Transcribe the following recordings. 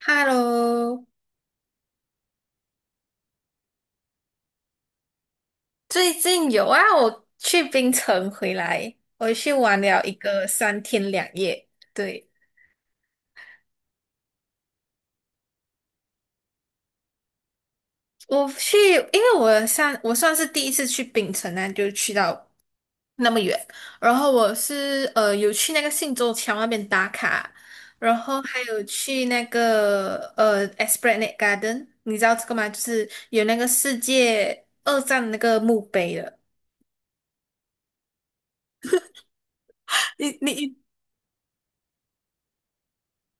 Hello，最近有啊，我去槟城回来，我去玩了一个3天2夜。对，我去，因为我算是第一次去槟城啊，就去到那么远。然后我是有去那个信州桥那边打卡，然后还有去那个Esplanade Garden，你知道这个吗？就是有那个世界二战的那个墓碑的。你你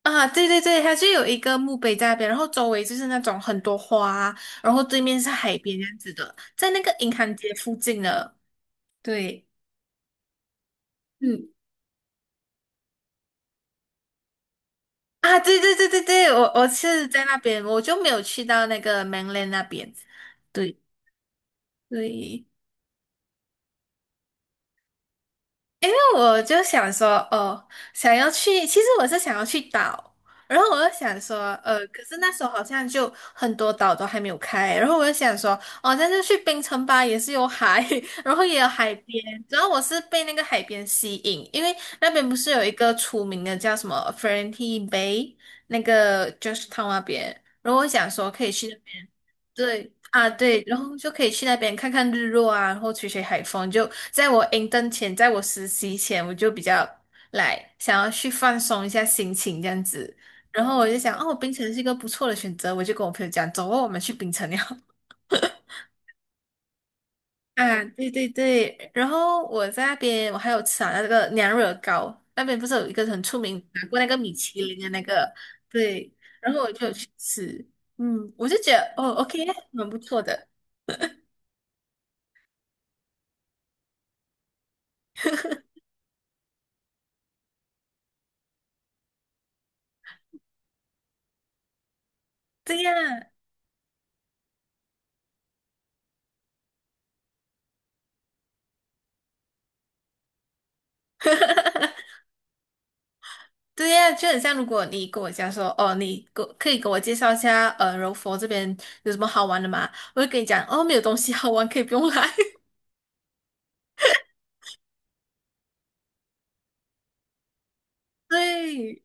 啊，对对对，它就有一个墓碑在那边，然后周围就是那种很多花，然后对面是海边这样子的，在那个银行街附近的。对，嗯，啊，对对对对对，我是在那边，我就没有去到那个 mainland 那边。对对，因为我就想说，哦，想要去，其实我是想要去岛，然后我就想说，可是那时候好像就很多岛都还没有开，然后我就想说，哦，但是去冰城吧，也是有海，然后也有海边，然后我是被那个海边吸引，因为那边不是有一个出名的叫什么 f e r e n t i Bay，那个就是 o r 那边，然后我想说可以去那边。对啊，对，然后就可以去那边看看日落啊，然后吹吹海风。就在我实习前，我就比较来想要去放松一下心情这样子。然后我就想，哦，冰城是一个不错的选择，我就跟我朋友讲，走哦，我们去冰城了。啊，对对对，然后我在那边，我还有吃啊那个娘惹糕，那边不是有一个很出名，拿过那个米其林的那个，对，然后我就有去吃，嗯，我就觉得哦，OK，蛮不错的，对呀。对呀，就很像如果你跟我讲说，哦，你给可以给我介绍一下，柔佛这边有什么好玩的吗？我会跟你讲，哦，没有东西好玩，可以不用来。对，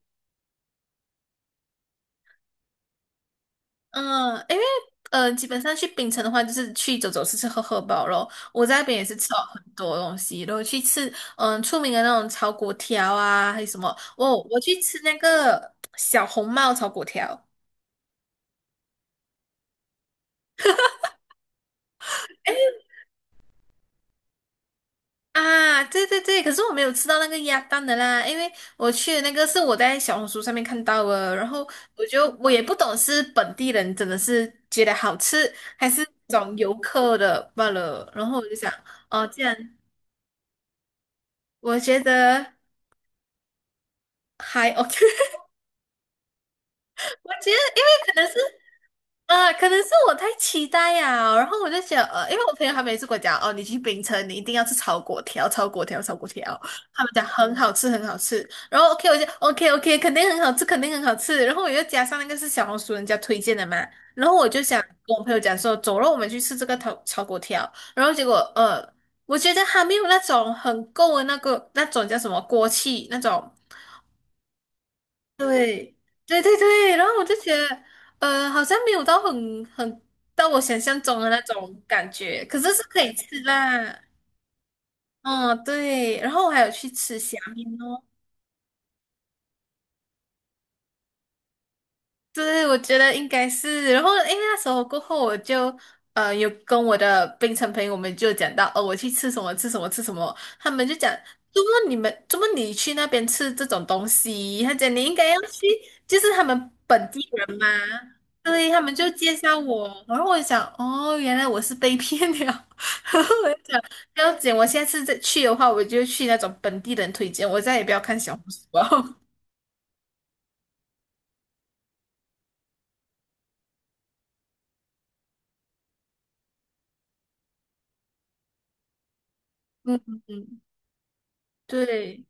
嗯，因为基本上去槟城的话，就是去走走、吃吃喝喝饱咯。我在那边也是吃了很多东西，然后去吃出名的那种炒粿条啊，还有什么哦，我去吃那个小红帽炒粿条。啊，对对对，可是我没有吃到那个鸭蛋的啦，因为我去的那个是我在小红书上面看到的，然后我也不懂是本地人真的是觉得好吃，还是那种游客的罢了，然后我就想，哦，这样我觉得还 OK，我觉得因为可能是。啊，可能是我太期待呀、然后我就想，因为我朋友他每次跟我讲，哦，你去冰城，你一定要吃炒粿条，炒粿条，炒粿条，他们讲很好吃，很好吃。然后 OK，我就 OK OK，肯定很好吃，肯定很好吃。然后我又加上那个是小红书人家推荐的嘛，然后我就想跟我朋友讲说，走了，我们去吃这个炒粿条。然后结果，我觉得还没有那种很够的那个那种叫什么锅气那种。对，对对对，然后我就觉得，好像没有到很到我想象中的那种感觉，可是是可以吃啦。哦，对，然后我还有去吃虾面哦，对，我觉得应该是。然后，诶，那时候过后，我就有跟我的槟城朋友，我们就讲到，哦，我去吃什么吃什么吃什么，他们就讲，怎么你们怎么你去那边吃这种东西？他讲你应该要去，就是他们本地人嘛。对，他们就介绍我，然后我就想，哦，原来我是被骗了。然后我就想，不要紧，我下次再去的话，我就去那种本地人推荐，我再也不要看小红书了。嗯嗯，对。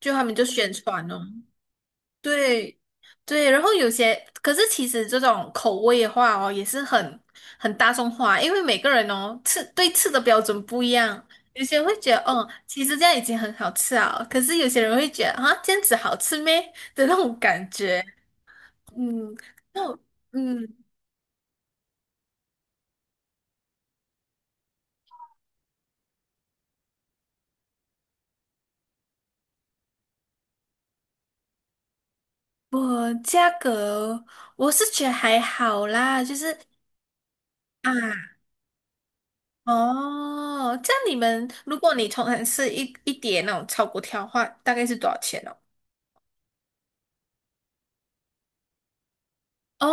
就他们就宣传哦，对对，然后有些，可是其实这种口味的话哦，也是很大众化，因为每个人哦吃对吃的标准不一样，有些人会觉得哦，其实这样已经很好吃啊，可是有些人会觉得啊，这样子好吃咩的那种感觉，嗯，那我嗯，我价格我是觉得还好啦，就是。啊。哦，这样你们，如果你同城吃一碟那种炒粿条的话，大概是多少钱哦？哦，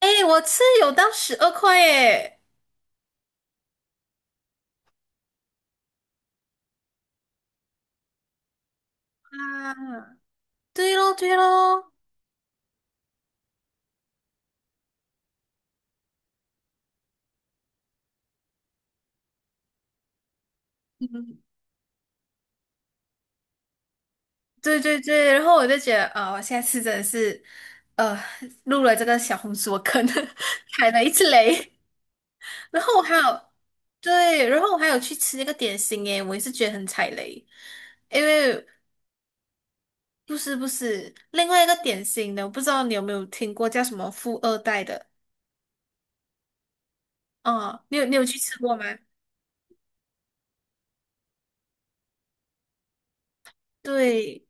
哎，我吃有到12块耶！啊，对喽，对喽，嗯，对对对，然后我就觉得，啊、我下次真的是，呃，入了这个小红书的坑，踩了一次雷。然后我还有，对，然后我还有去吃那个点心耶，我也是觉得很踩雷，因为不是不是，另外一个典型的，我不知道你有没有听过叫什么富二代的啊？你有去吃过吗？对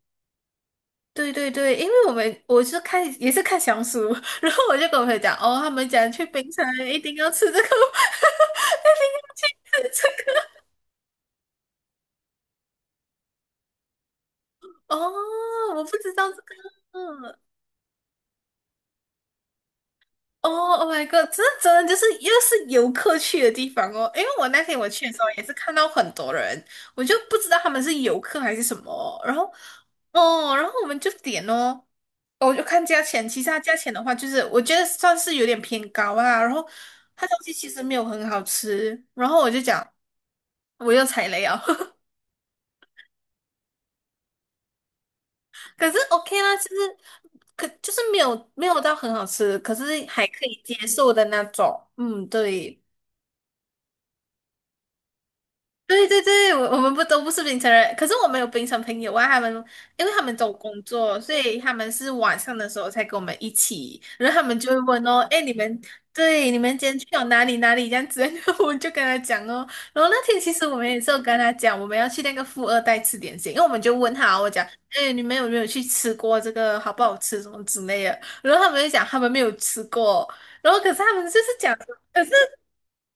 对对对，因为我们我是看也是看小红书，然后我就跟我朋友讲，哦，他们讲去冰城一定要吃这个，一定要去吃这个。哦，我不知道这个，哦，Oh my god！这真的就是又是游客去的地方哦。因为我那天我去的时候也是看到很多人，我就不知道他们是游客还是什么哦。然后，哦，然后我们就点哦，我就看价钱。其实它价钱的话，就是我觉得算是有点偏高啦。然后它东西其实没有很好吃。然后我就讲我又踩雷啊，可是 OK 啦，其实可就是没有没有到很好吃，可是还可以接受的那种。嗯，对。对对对，我们不都不是槟城人，可是我们有槟城朋友啊，他们因为他们都有工作，所以他们是晚上的时候才跟我们一起，然后他们就会问哦，哎，你们今天去了哪里哪里这样子，然后我就跟他讲哦，然后那天其实我们也是有跟他讲，我们要去那个富二代吃点心，因为我们就问他，我讲，哎，你们有没有去吃过这个好不好吃什么之类的，然后他们就讲他们没有吃过，然后可是他们就是讲。可是。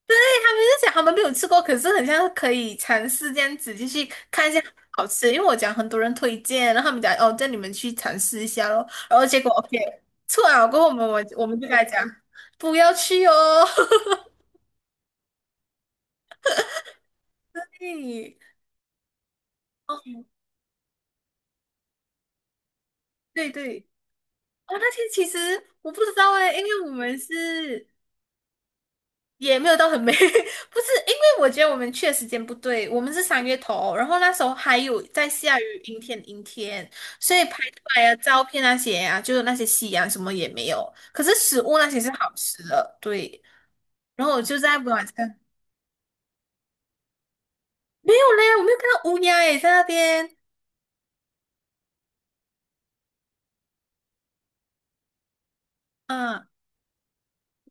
对他们就讲他们没有吃过，可是很像可以尝试这样子，就去看一下好吃。因为我讲很多人推荐，然后他们讲哦，叫你们去尝试一下咯。然后结果 OK 错了，过后我们就跟他讲不要去哦。嘿哦，对对，哦，那天其实我不知道哎，因为我们是也没有到很美，不是，因为我觉得我们去的时间不对，我们是3月头，然后那时候还有在下雨，阴天阴天，所以拍出来的照片那些啊，就是那些夕阳什么也没有，可是食物那些是好吃的，对。然后我就在晚上没有嘞，我没有看到乌鸦诶，在那边，嗯，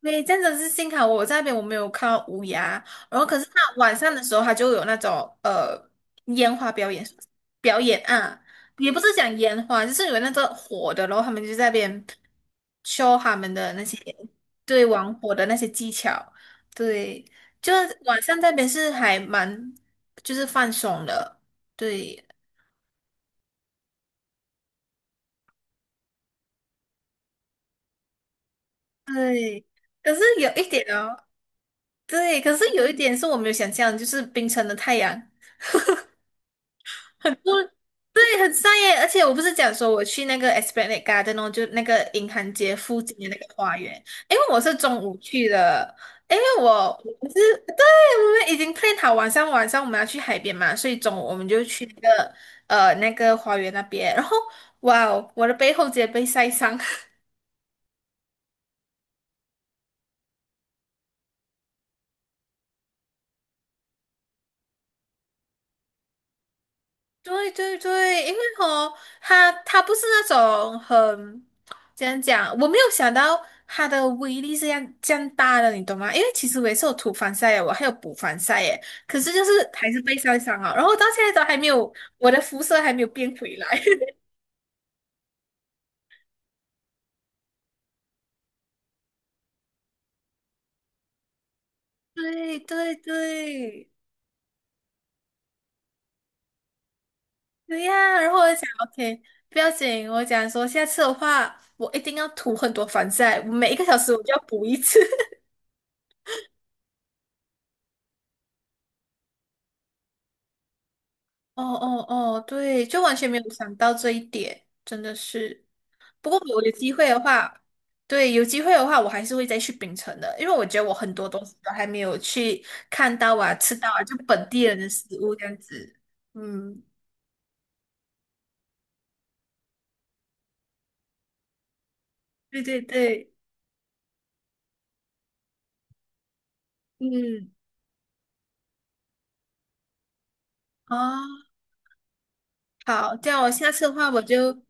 对，真的是幸好我在那边我没有看到乌鸦，然后可是它晚上的时候他就有那种呃烟花表演啊，也不是讲烟花，就是有那个火的，然后他们就在那边 show 他们的那些对玩火的那些技巧，对，就是晚上那边是还蛮就是放松的，对对，可是有一点哦，对，可是有一点是我没有想象，就是冰城的太阳。很不对，很晒耶！而且我不是讲说我去那个 Esplanade Garden 哦，就那个银行街附近的那个花园，因为我是中午去的，因为我我是对，我们已经 plan 好晚上我们要去海边嘛，所以中午我们就去那个那个花园那边，然后哇哦，我的背后直接被晒伤。对对对，因为哦，它它不是那种很怎样讲，我没有想到它的威力是这样这样大的，你懂吗？因为其实我也是有涂防晒耶，我还有补防晒耶，可是就是还是被晒伤了，然后到现在都还没有，我的肤色还没有变回来。对对对，对呀、然后我就讲 OK，不要紧，我讲说下次的话，我一定要涂很多防晒，我每1个小时我就要补一次。哦哦哦，对，就完全没有想到这一点，真的是。不过我有机会的话，对，有机会的话，我还是会再去槟城的，因为我觉得我很多东西都还没有去看到啊、吃到啊，就本地人的食物这样子。嗯，对对对，嗯，哦，好，这样我下次的话，我就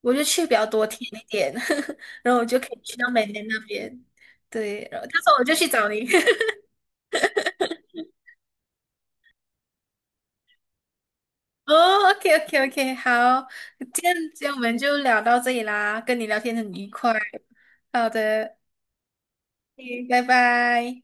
去比较多天一点，然后我就可以去到美联那边。对，然后到时候我就去找你。哦，OK，OK，OK，好，今天我们就聊到这里啦，跟你聊天很愉快。好的，嗯拜拜。